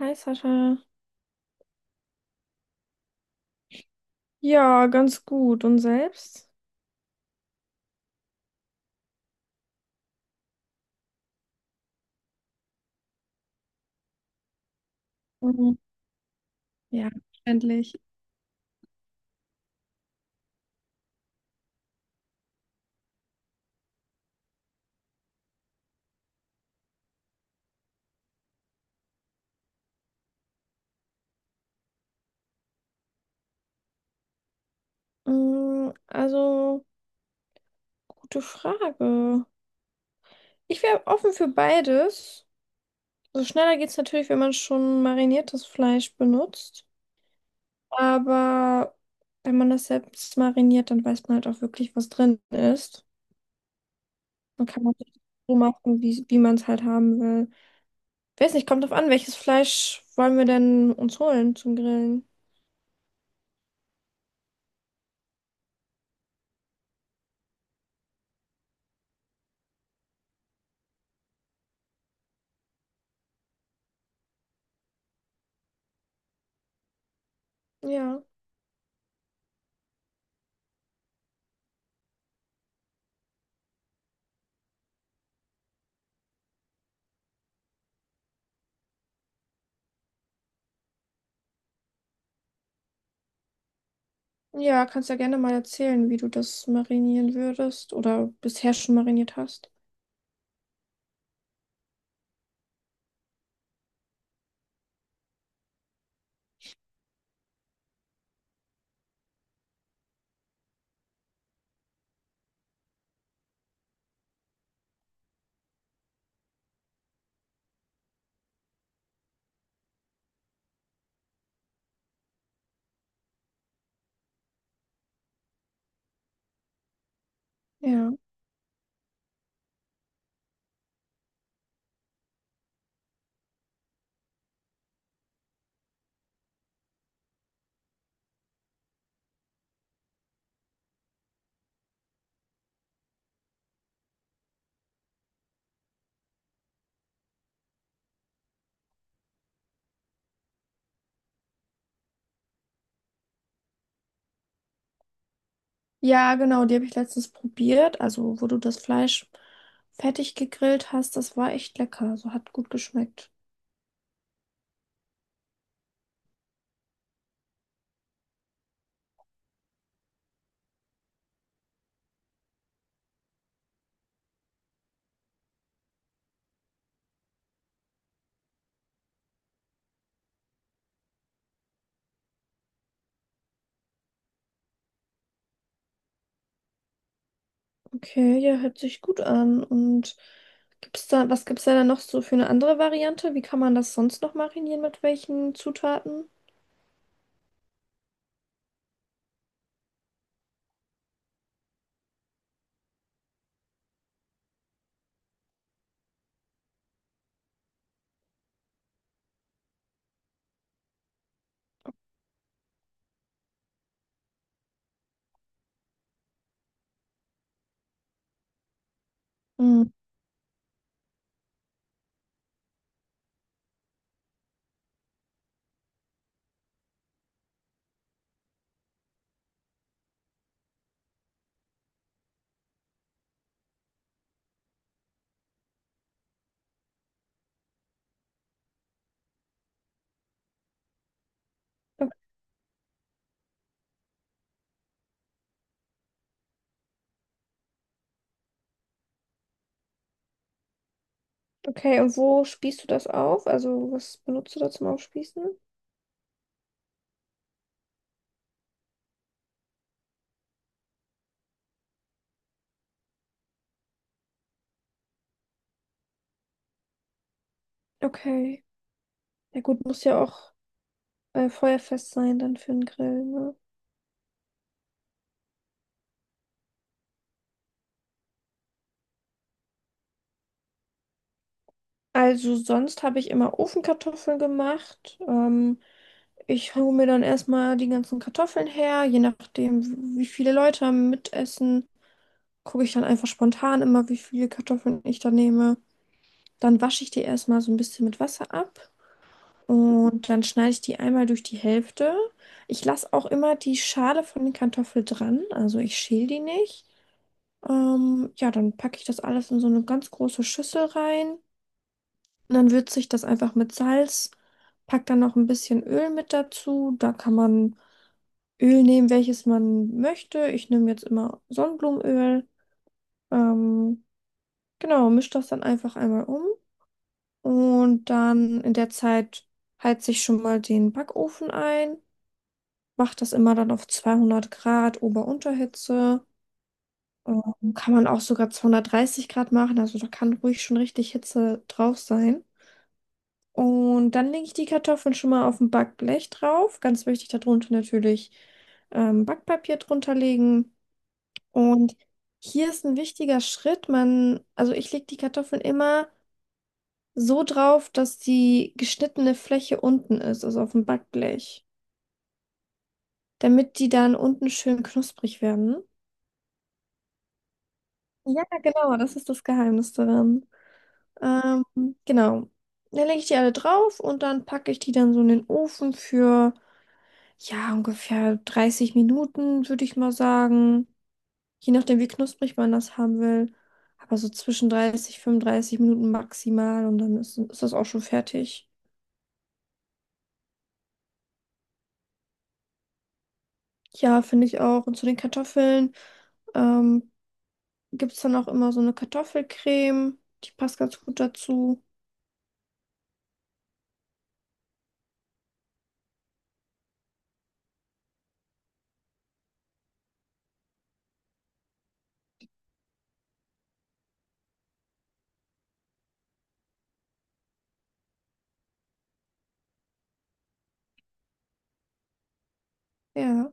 Hi Sascha. Ja, ganz gut. Und selbst? Mhm. Ja, endlich. Also, gute Frage. Ich wäre offen für beides. Also schneller geht es natürlich, wenn man schon mariniertes Fleisch benutzt. Aber wenn man das selbst mariniert, dann weiß man halt auch wirklich, was drin ist. Dann kann man das so machen, wie, man es halt haben will. Ich weiß nicht, kommt drauf an, welches Fleisch wollen wir denn uns holen zum Grillen? Ja. Ja, kannst ja gerne mal erzählen, wie du das marinieren würdest oder bisher schon mariniert hast. Ja. Ja, genau, die habe ich letztens probiert. Also, wo du das Fleisch fertig gegrillt hast, das war echt lecker. Also, hat gut geschmeckt. Okay, ja, hört sich gut an. Und was gibt's da dann noch so für eine andere Variante? Wie kann man das sonst noch marinieren? Mit welchen Zutaten? Hm. O- Okay, und wo spießt du das auf? Also, was benutzt du da zum Aufspießen? Okay. Ja gut, muss ja auch feuerfest sein dann für den Grill, ne? Also sonst habe ich immer Ofenkartoffeln gemacht. Ich hole mir dann erstmal die ganzen Kartoffeln her, je nachdem, wie viele Leute mitessen, gucke ich dann einfach spontan immer, wie viele Kartoffeln ich da nehme. Dann wasche ich die erstmal so ein bisschen mit Wasser ab und dann schneide ich die einmal durch die Hälfte. Ich lasse auch immer die Schale von den Kartoffeln dran, also ich schäle die nicht. Ja, dann packe ich das alles in so eine ganz große Schüssel rein. Und dann würze ich das einfach mit Salz, pack dann noch ein bisschen Öl mit dazu. Da kann man Öl nehmen, welches man möchte. Ich nehme jetzt immer Sonnenblumenöl. Ähm, genau, misch das dann einfach einmal um. Und dann in der Zeit heize ich schon mal den Backofen ein. Mache das immer dann auf 200 Grad Ober-Unterhitze. Kann man auch sogar 230 Grad machen. Also da kann ruhig schon richtig Hitze drauf sein. Und dann lege ich die Kartoffeln schon mal auf ein Backblech drauf. Ganz wichtig, darunter natürlich Backpapier drunter legen. Und hier ist ein wichtiger Schritt. Also ich lege die Kartoffeln immer so drauf, dass die geschnittene Fläche unten ist, also auf dem Backblech, damit die dann unten schön knusprig werden. Ja, genau, das ist das Geheimnis daran. Ähm, genau. Dann lege ich die alle drauf und dann packe ich die dann so in den Ofen für ja, ungefähr 30 Minuten, würde ich mal sagen. Je nachdem, wie knusprig man das haben will. Aber so zwischen 30, 35 Minuten maximal und dann ist das auch schon fertig. Ja, finde ich auch. Und zu den Kartoffeln ähm, gibt es dann auch immer so eine Kartoffelcreme. Die passt ganz gut dazu. Ja,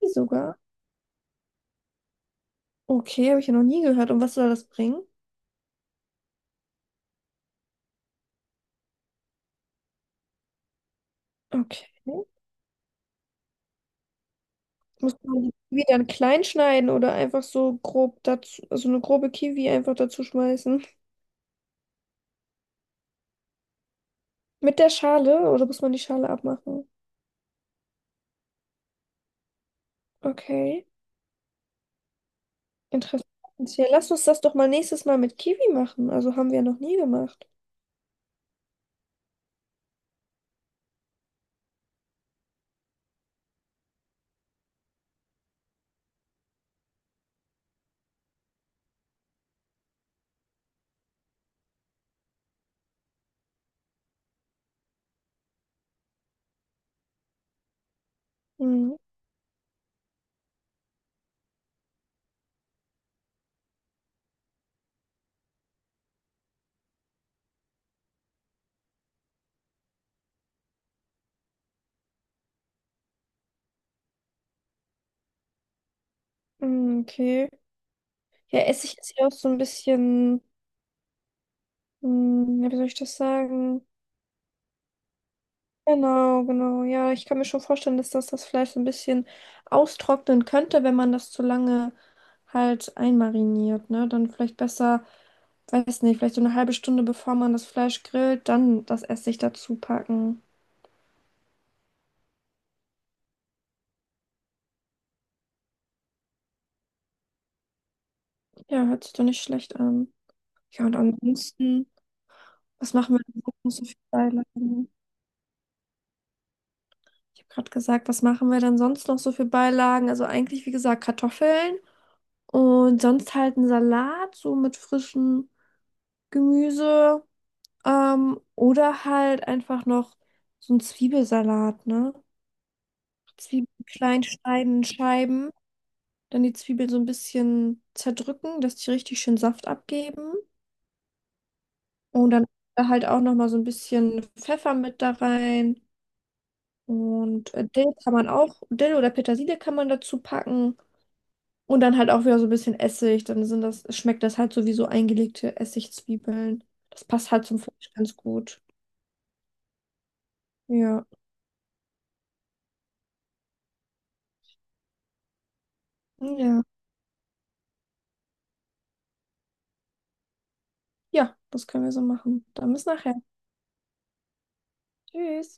die sogar. Okay, habe ich ja noch nie gehört. Und was soll das bringen? Okay. Muss man die Kiwi dann klein schneiden oder einfach so grob dazu, also eine grobe Kiwi einfach dazu schmeißen? Mit der Schale oder muss man die Schale abmachen? Okay, interessant. Ja, lass uns das doch mal nächstes Mal mit Kiwi machen. Also haben wir ja noch nie gemacht. Mhm. Mhm, okay. Ja, Essig ist ja auch so ein bisschen, hm, ja, wie soll ich das sagen? Genau, genau. Ja, ich kann mir schon vorstellen, dass das das Fleisch so ein bisschen austrocknen könnte, wenn man das zu lange halt einmariniert, ne? Dann vielleicht besser, weiß nicht, vielleicht so eine halbe Stunde bevor man das Fleisch grillt, dann das Essig dazu packen. Ja, hört sich doch nicht schlecht an. Ja, und ansonsten, was machen wir denn sonst noch so für Beilagen? Ich habe gerade gesagt, was machen wir denn sonst noch so für Beilagen? Also eigentlich, wie gesagt, Kartoffeln und sonst halt einen Salat, so mit frischem Gemüse. Oder halt einfach noch so einen Zwiebelsalat, ne? Zwiebeln klein schneiden, in Scheiben, dann die Zwiebeln so ein bisschen zerdrücken, dass die richtig schön Saft abgeben. Und dann halt auch nochmal so ein bisschen Pfeffer mit da rein. Und Dill kann man auch, Dill oder Petersilie kann man dazu packen. Und dann halt auch wieder so ein bisschen Essig. Schmeckt das halt so wie so eingelegte Essigzwiebeln. Das passt halt zum Fleisch ganz gut. Ja. Ja. Ja, das können wir so machen. Dann bis nachher. Tschüss.